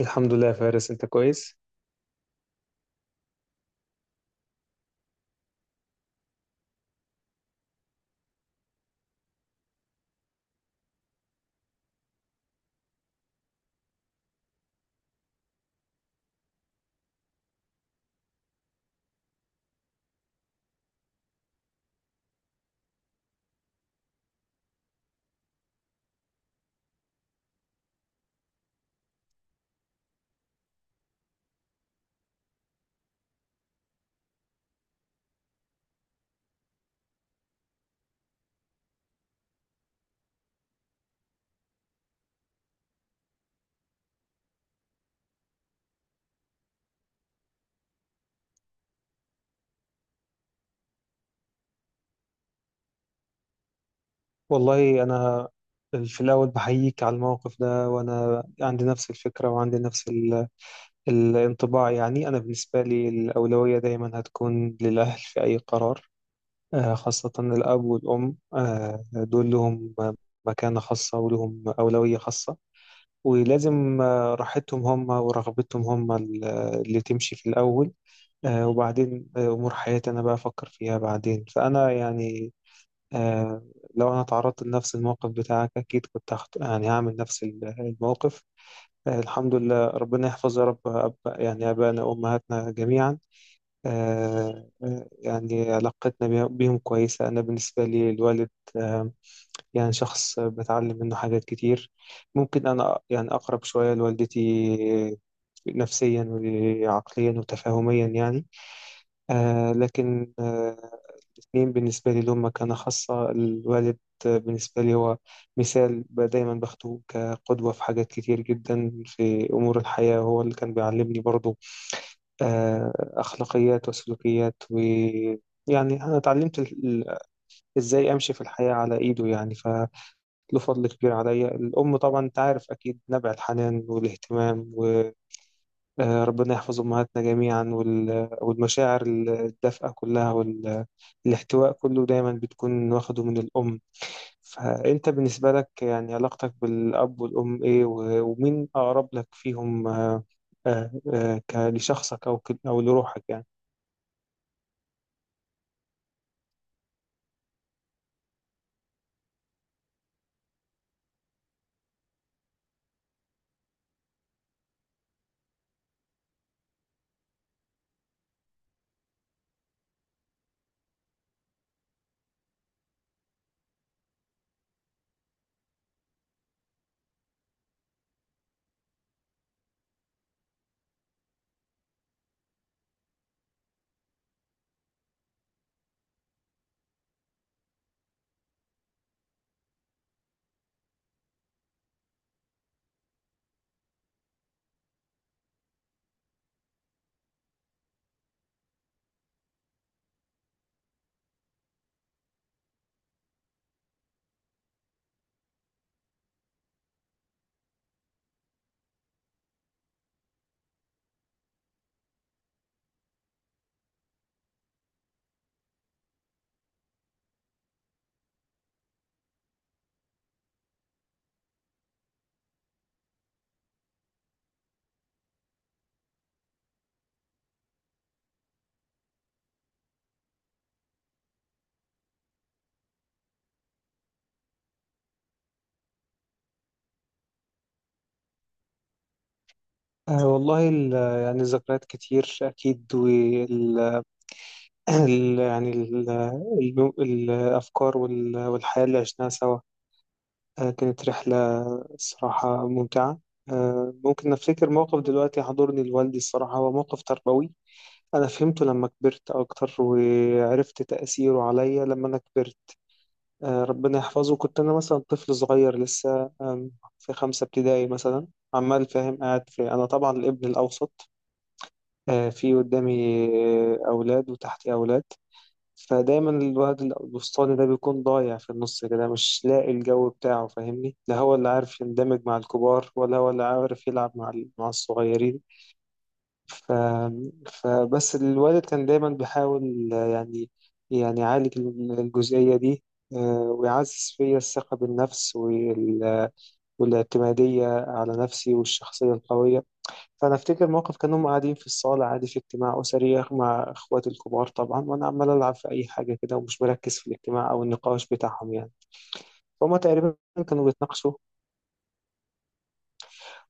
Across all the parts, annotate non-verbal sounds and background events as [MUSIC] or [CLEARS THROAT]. الحمد لله يا فارس، انت كويس. والله انا في الاول بحييك على الموقف ده، وانا عندي نفس الفكره وعندي نفس الانطباع. يعني انا بالنسبه لي الاولويه دايما هتكون للاهل في اي قرار، خاصه الاب والام. دول لهم مكانه خاصه ولهم اولويه خاصه، ولازم راحتهم هم ورغبتهم هم اللي تمشي في الاول. وبعدين امور حياتي انا بقى افكر فيها بعدين. فانا يعني آه لو أنا تعرضت لنفس الموقف بتاعك أكيد كنت يعني هعمل نفس الموقف. آه، الحمد لله، ربنا يحفظ يا رب يعني آبائنا وأمهاتنا جميعا. يعني بيهم كويسة. أنا بالنسبة لي الوالد آه يعني شخص بتعلم منه حاجات كتير. ممكن أنا يعني أقرب شوية لوالدتي نفسيا وعقليا وتفاهميا يعني، لكن الاثنين بالنسبة لي لهم مكانة خاصة. الوالد بالنسبة لي هو مثال، دايما باخده كقدوة في حاجات كتير جدا في أمور الحياة. هو اللي كان بيعلمني برضو أخلاقيات وسلوكيات و يعني أنا اتعلمت إزاي أمشي في الحياة على إيده يعني. فله فضل كبير عليا. الأم طبعا أنت عارف أكيد نبع الحنان والاهتمام، ربنا يحفظ أمهاتنا جميعا. والمشاعر الدافئة كلها والاحتواء كله دايما بتكون واخده من الأم. فأنت بالنسبة لك يعني علاقتك بالأب والأم إيه؟ ومين أقرب لك فيهم لشخصك أو أو لروحك يعني؟ والله يعني الذكريات كتير أكيد، [CLEARS THROAT] يعني الأفكار والحياة اللي عشناها سوا كانت رحلة الصراحة ممتعة. ممكن أفتكر موقف دلوقتي حضرني لوالدي. الصراحة هو موقف تربوي أنا فهمته لما كبرت أكتر، وعرفت تأثيره عليا لما أنا كبرت. ربنا يحفظه. كنت أنا مثلا طفل صغير لسه، في خمسة ابتدائي مثلا، عمال فاهم قاعد في. أنا طبعا الابن الأوسط، في قدامي أولاد وتحتي أولاد. فدايما الواد الوسطاني ده بيكون ضايع في النص كده، مش لاقي الجو بتاعه، فاهمني؟ لا هو اللي عارف يندمج مع الكبار، ولا هو اللي عارف يلعب مع مع الصغيرين. ف... فبس الوالد كان دايما بيحاول يعالج الجزئية دي، آه، ويعزز فيا الثقة بالنفس والاعتمادية على نفسي والشخصية القوية. فانا افتكر موقف كانوا هم قاعدين في الصاله عادي في اجتماع اسري مع اخواتي الكبار طبعا، وانا عمال العب في اي حاجه كده ومش مركز في الاجتماع او النقاش بتاعهم يعني. فهم تقريبا كانوا بيتناقشوا.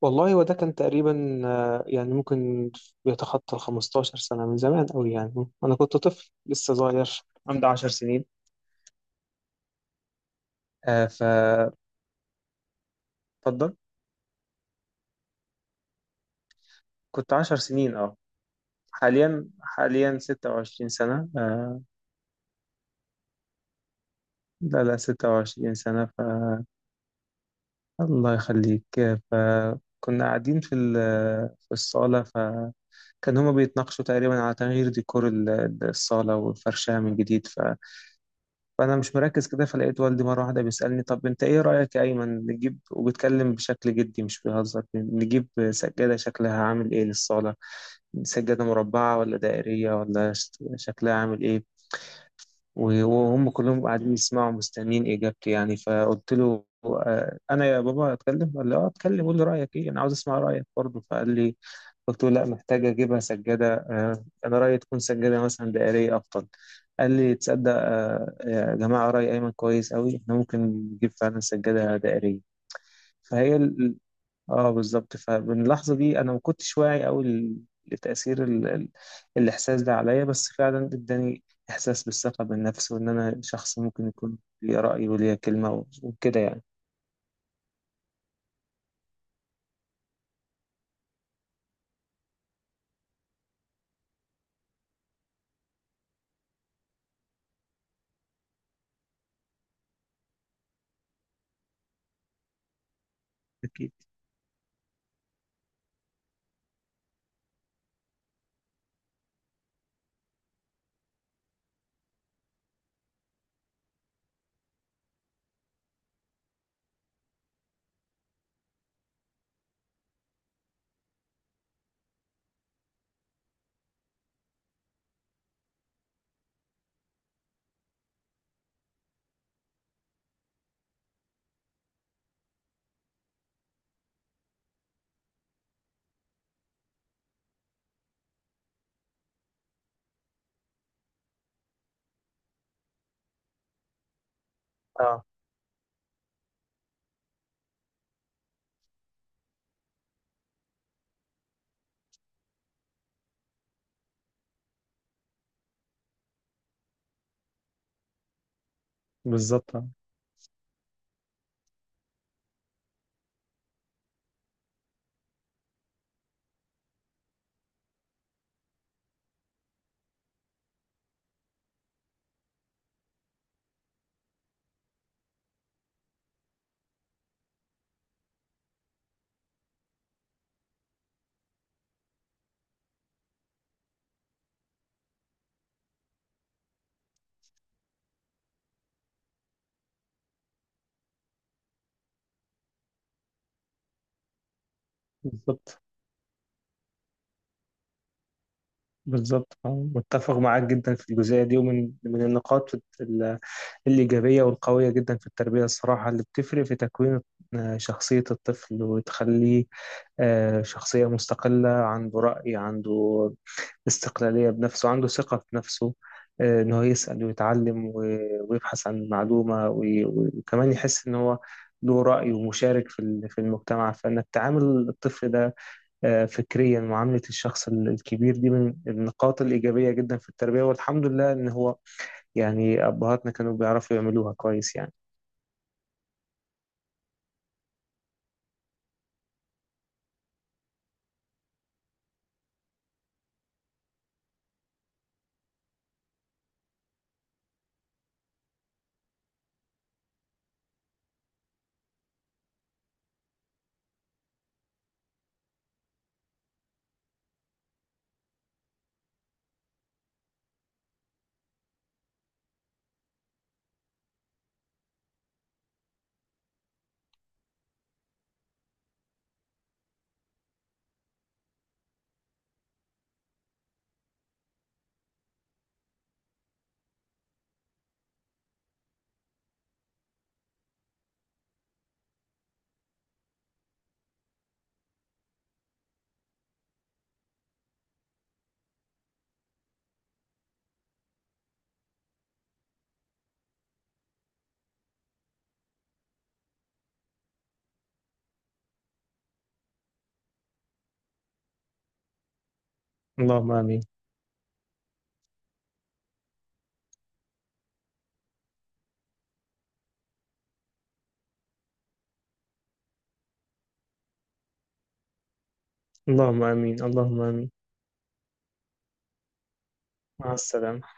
والله وده كان تقريبا، يعني ممكن بيتخطى ال 15 سنه من زمان قوي يعني. انا كنت طفل لسه صغير، عندي 10 سنين. آه ف اتفضل. كنت 10 سنين اه. حاليا حاليا 26 سنه آه. لا لا 26 سنه. الله يخليك. فكنا قاعدين في في الصالة، فكان هما بيتناقشوا تقريبا على تغيير ديكور الصالة والفرشها من جديد. فأنا مش مركز كده، فلقيت والدي مرة واحدة بيسألني: طب أنت إيه رأيك يا أيمن، نجيب؟ وبيتكلم بشكل جدي مش بيهزر. نجيب سجادة شكلها عامل إيه للصالة؟ سجادة مربعة ولا دائرية ولا شكلها عامل إيه؟ وهم كلهم قاعدين يسمعوا مستنيين إجابتي يعني. فقلت له: أنا يا بابا أتكلم؟ قال لي: أه أتكلم، قول لي رأيك إيه، أنا عاوز أسمع رأيك برضه. فقال لي، قلت له: لا، محتاج أجيبها سجادة، أنا رأيي تكون سجادة مثلا دائرية أفضل. قال لي: تصدق يا جماعة رأي أيمن كويس أوي، إحنا ممكن نجيب فعلا سجادة دائرية. فهي اه بالظبط. فمن اللحظة دي انا ما كنتش واعي قوي لتأثير الاحساس ده عليا، بس فعلا اداني احساس بالثقة بالنفس، وان انا شخص ممكن يكون ليه رأي وليه كلمة وكده يعني. اكيد. اه بالظبط. آه، بالظبط بالظبط. متفق معاك جدا في الجزئية دي. ومن النقاط ال- الإيجابية والقوية جدا في التربية الصراحة، اللي بتفرق في تكوين شخصية الطفل وتخليه شخصية مستقلة، عنده رأي، عنده استقلالية بنفسه، عنده ثقة في نفسه، إن هو يسأل ويتعلم ويبحث عن معلومة، وكمان يحس إن هو له رأي ومشارك في في المجتمع. فإنك تعامل الطفل ده فكريا معاملة الشخص الكبير دي من النقاط الإيجابية جدا في التربية. والحمد لله إن هو يعني أبهاتنا كانوا بيعرفوا يعملوها كويس يعني. اللهم آمين، اللهم آمين، اللهم آمين. مع السلامة.